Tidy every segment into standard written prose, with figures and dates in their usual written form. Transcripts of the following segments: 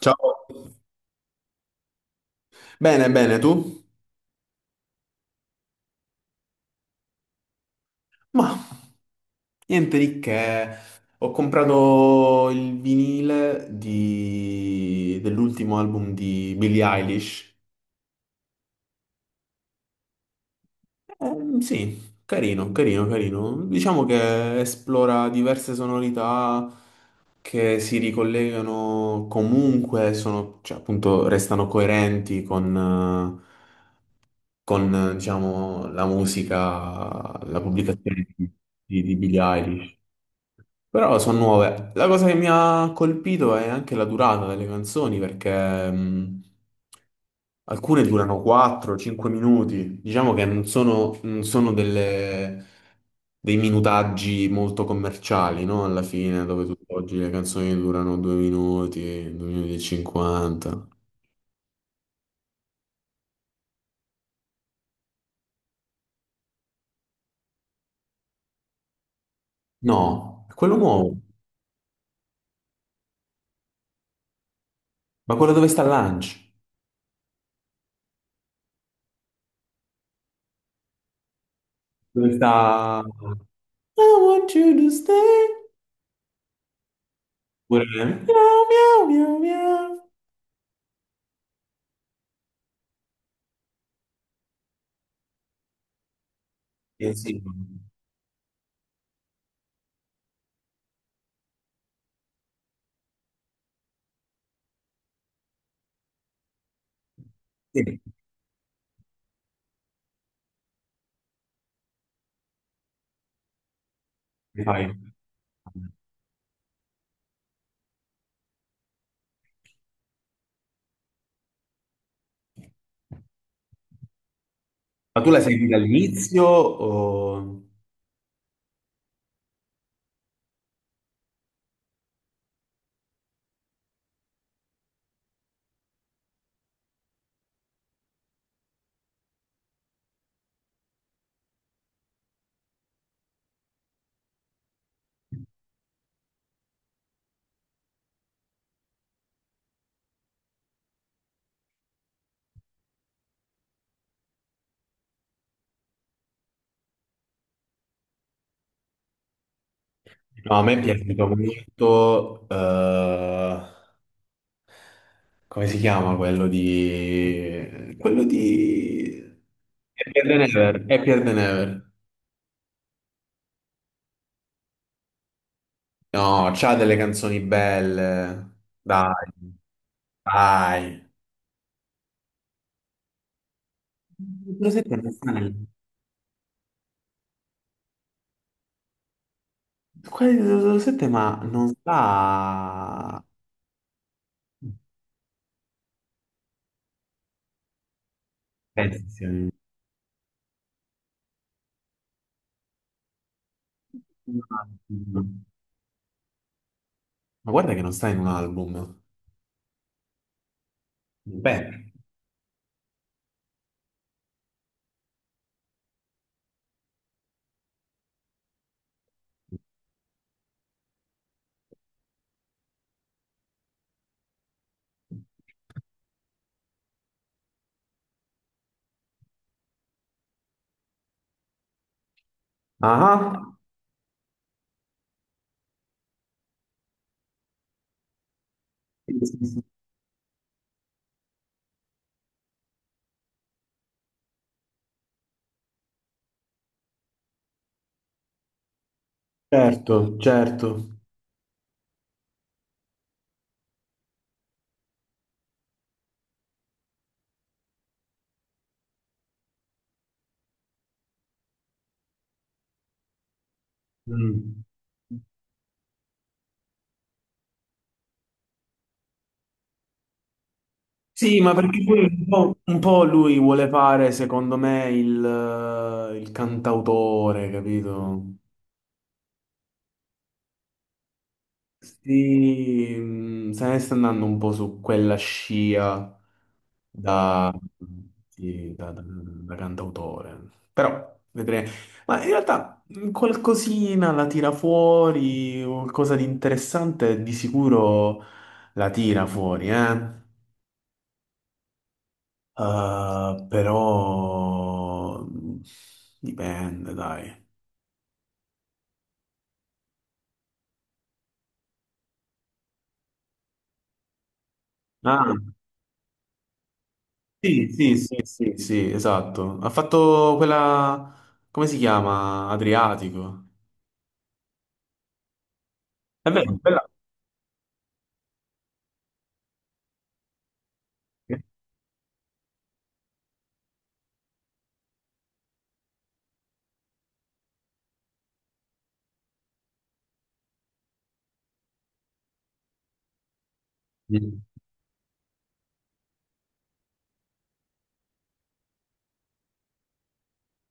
Ciao. Bene, bene, tu? Ma niente di che. Ho comprato il vinile dell'ultimo album di Billie Eilish. Sì, carino, carino, carino. Diciamo che esplora diverse sonorità che si ricollegano comunque, sono, cioè, appunto, restano coerenti eh, con, diciamo, la musica, la pubblicazione di, di Billie Eilish. Però sono nuove. La cosa che mi ha colpito è anche la durata delle canzoni, perché alcune durano 4-5 minuti. Diciamo che non sono, non sono dei minutaggi molto commerciali, no? Alla fine, dove oggi le canzoni durano 2 minuti, 2 minuti e 50. No, è quello nuovo. Ma quello dove sta Lunch? Dove sta I want you to stay. Pure miau, miau, miau, miau. Eh sì, sì, mi fai. Ma tu la segui dall'inizio o... No, a me è piaciuto molto, come si chiama quello di Happier Than Ever, Happier Than Ever. No, c'ha delle canzoni belle, dai, dai. 007 non sta nel... Quelli di 007 ma non sta... Pensi, ma guarda che non sta in un album. Beh, ah, certo, certo. Mm. Sì, ma perché poi un po' lui vuole fare, secondo me, il cantautore, capito? Sì, se ne sta andando un po' su quella scia da, sì, da cantautore, però vedremo. Ma in realtà qualcosina la tira fuori, qualcosa di interessante di sicuro la tira fuori, eh? Però dipende, dai. Ah. Sì, sì, sì, sì, sì, esatto. Ha fatto quella, come si chiama? Adriatico. È vero, bella. Mm.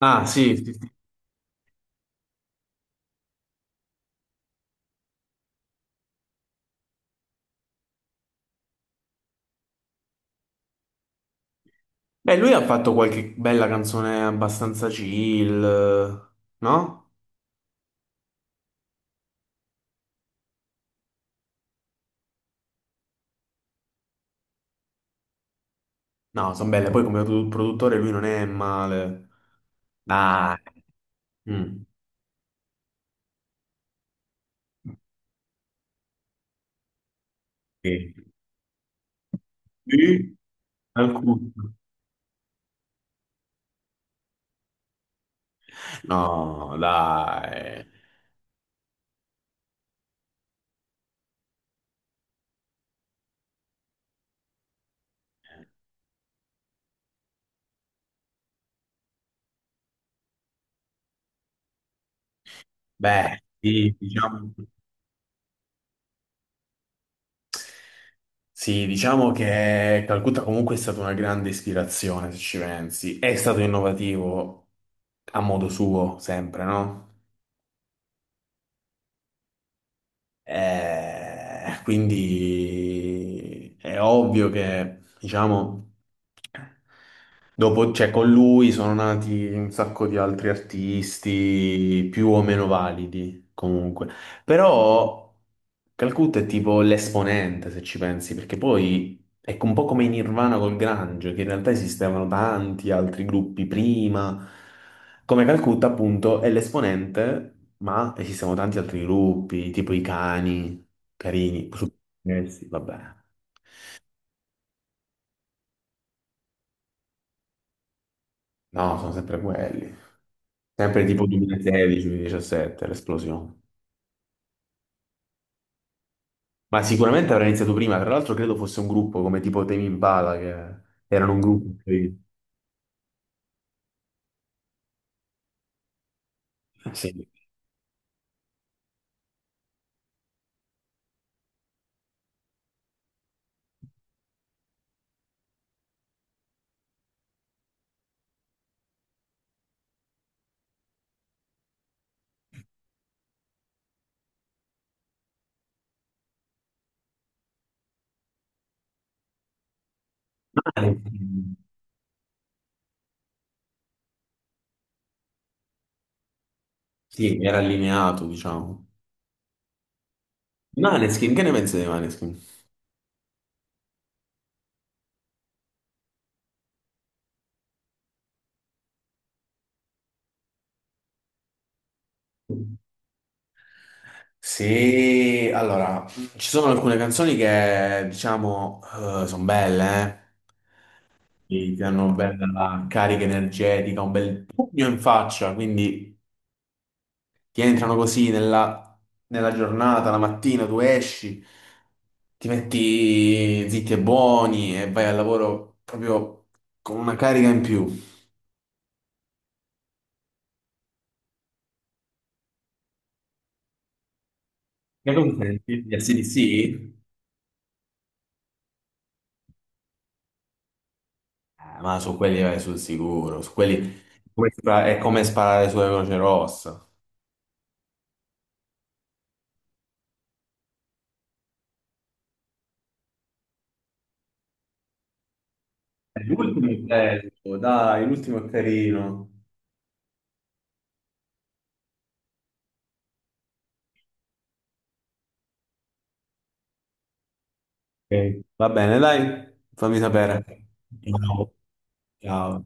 Ah, sì, sì, sì. Beh, lui ha fatto qualche bella canzone abbastanza chill, no? No, sono belle. Poi come produttore lui non è male. Dai. Mm. Sì. Sì? Alcuno. No, dai. Beh, sì, diciamo. Sì, diciamo che Calcutta comunque è stata una grande ispirazione, se ci pensi. È stato innovativo a modo suo, sempre, no? Quindi è ovvio che, diciamo, dopo, cioè, con lui sono nati un sacco di altri artisti più o meno validi, comunque. Però Calcutta è tipo l'esponente, se ci pensi, perché poi... Ecco, un po' come in Nirvana col Grunge, che in realtà esistevano tanti altri gruppi prima, come Calcutta appunto è l'esponente, ma esistevano tanti altri gruppi, tipo i cani, carini, Superstessi, vabbè, no, sono sempre quelli, sempre tipo 2016-2017, l'esplosione. Ma sicuramente avrà iniziato prima, tra l'altro credo fosse un gruppo come tipo Tame Impala, che erano un gruppo, sì, sì, era allineato, diciamo. Maneskin, che ne pensi dei Maneskin? Sì, allora, ci sono alcune canzoni che, diciamo, sono belle, eh? Ti danno una bella carica energetica, un bel pugno in faccia, quindi ti entrano così nella giornata, la mattina tu esci, ti metti zitti e buoni e vai al lavoro proprio con una carica in più. Che cosa senti? Gli AC/DC? Ma su quelli vai sul sicuro, su quelli come è come sparare sulle Croce Rossa. L'ultimo è bello, dai, l'ultimo è carino. Ok. Va bene, dai, fammi sapere. Ciao. Ciao.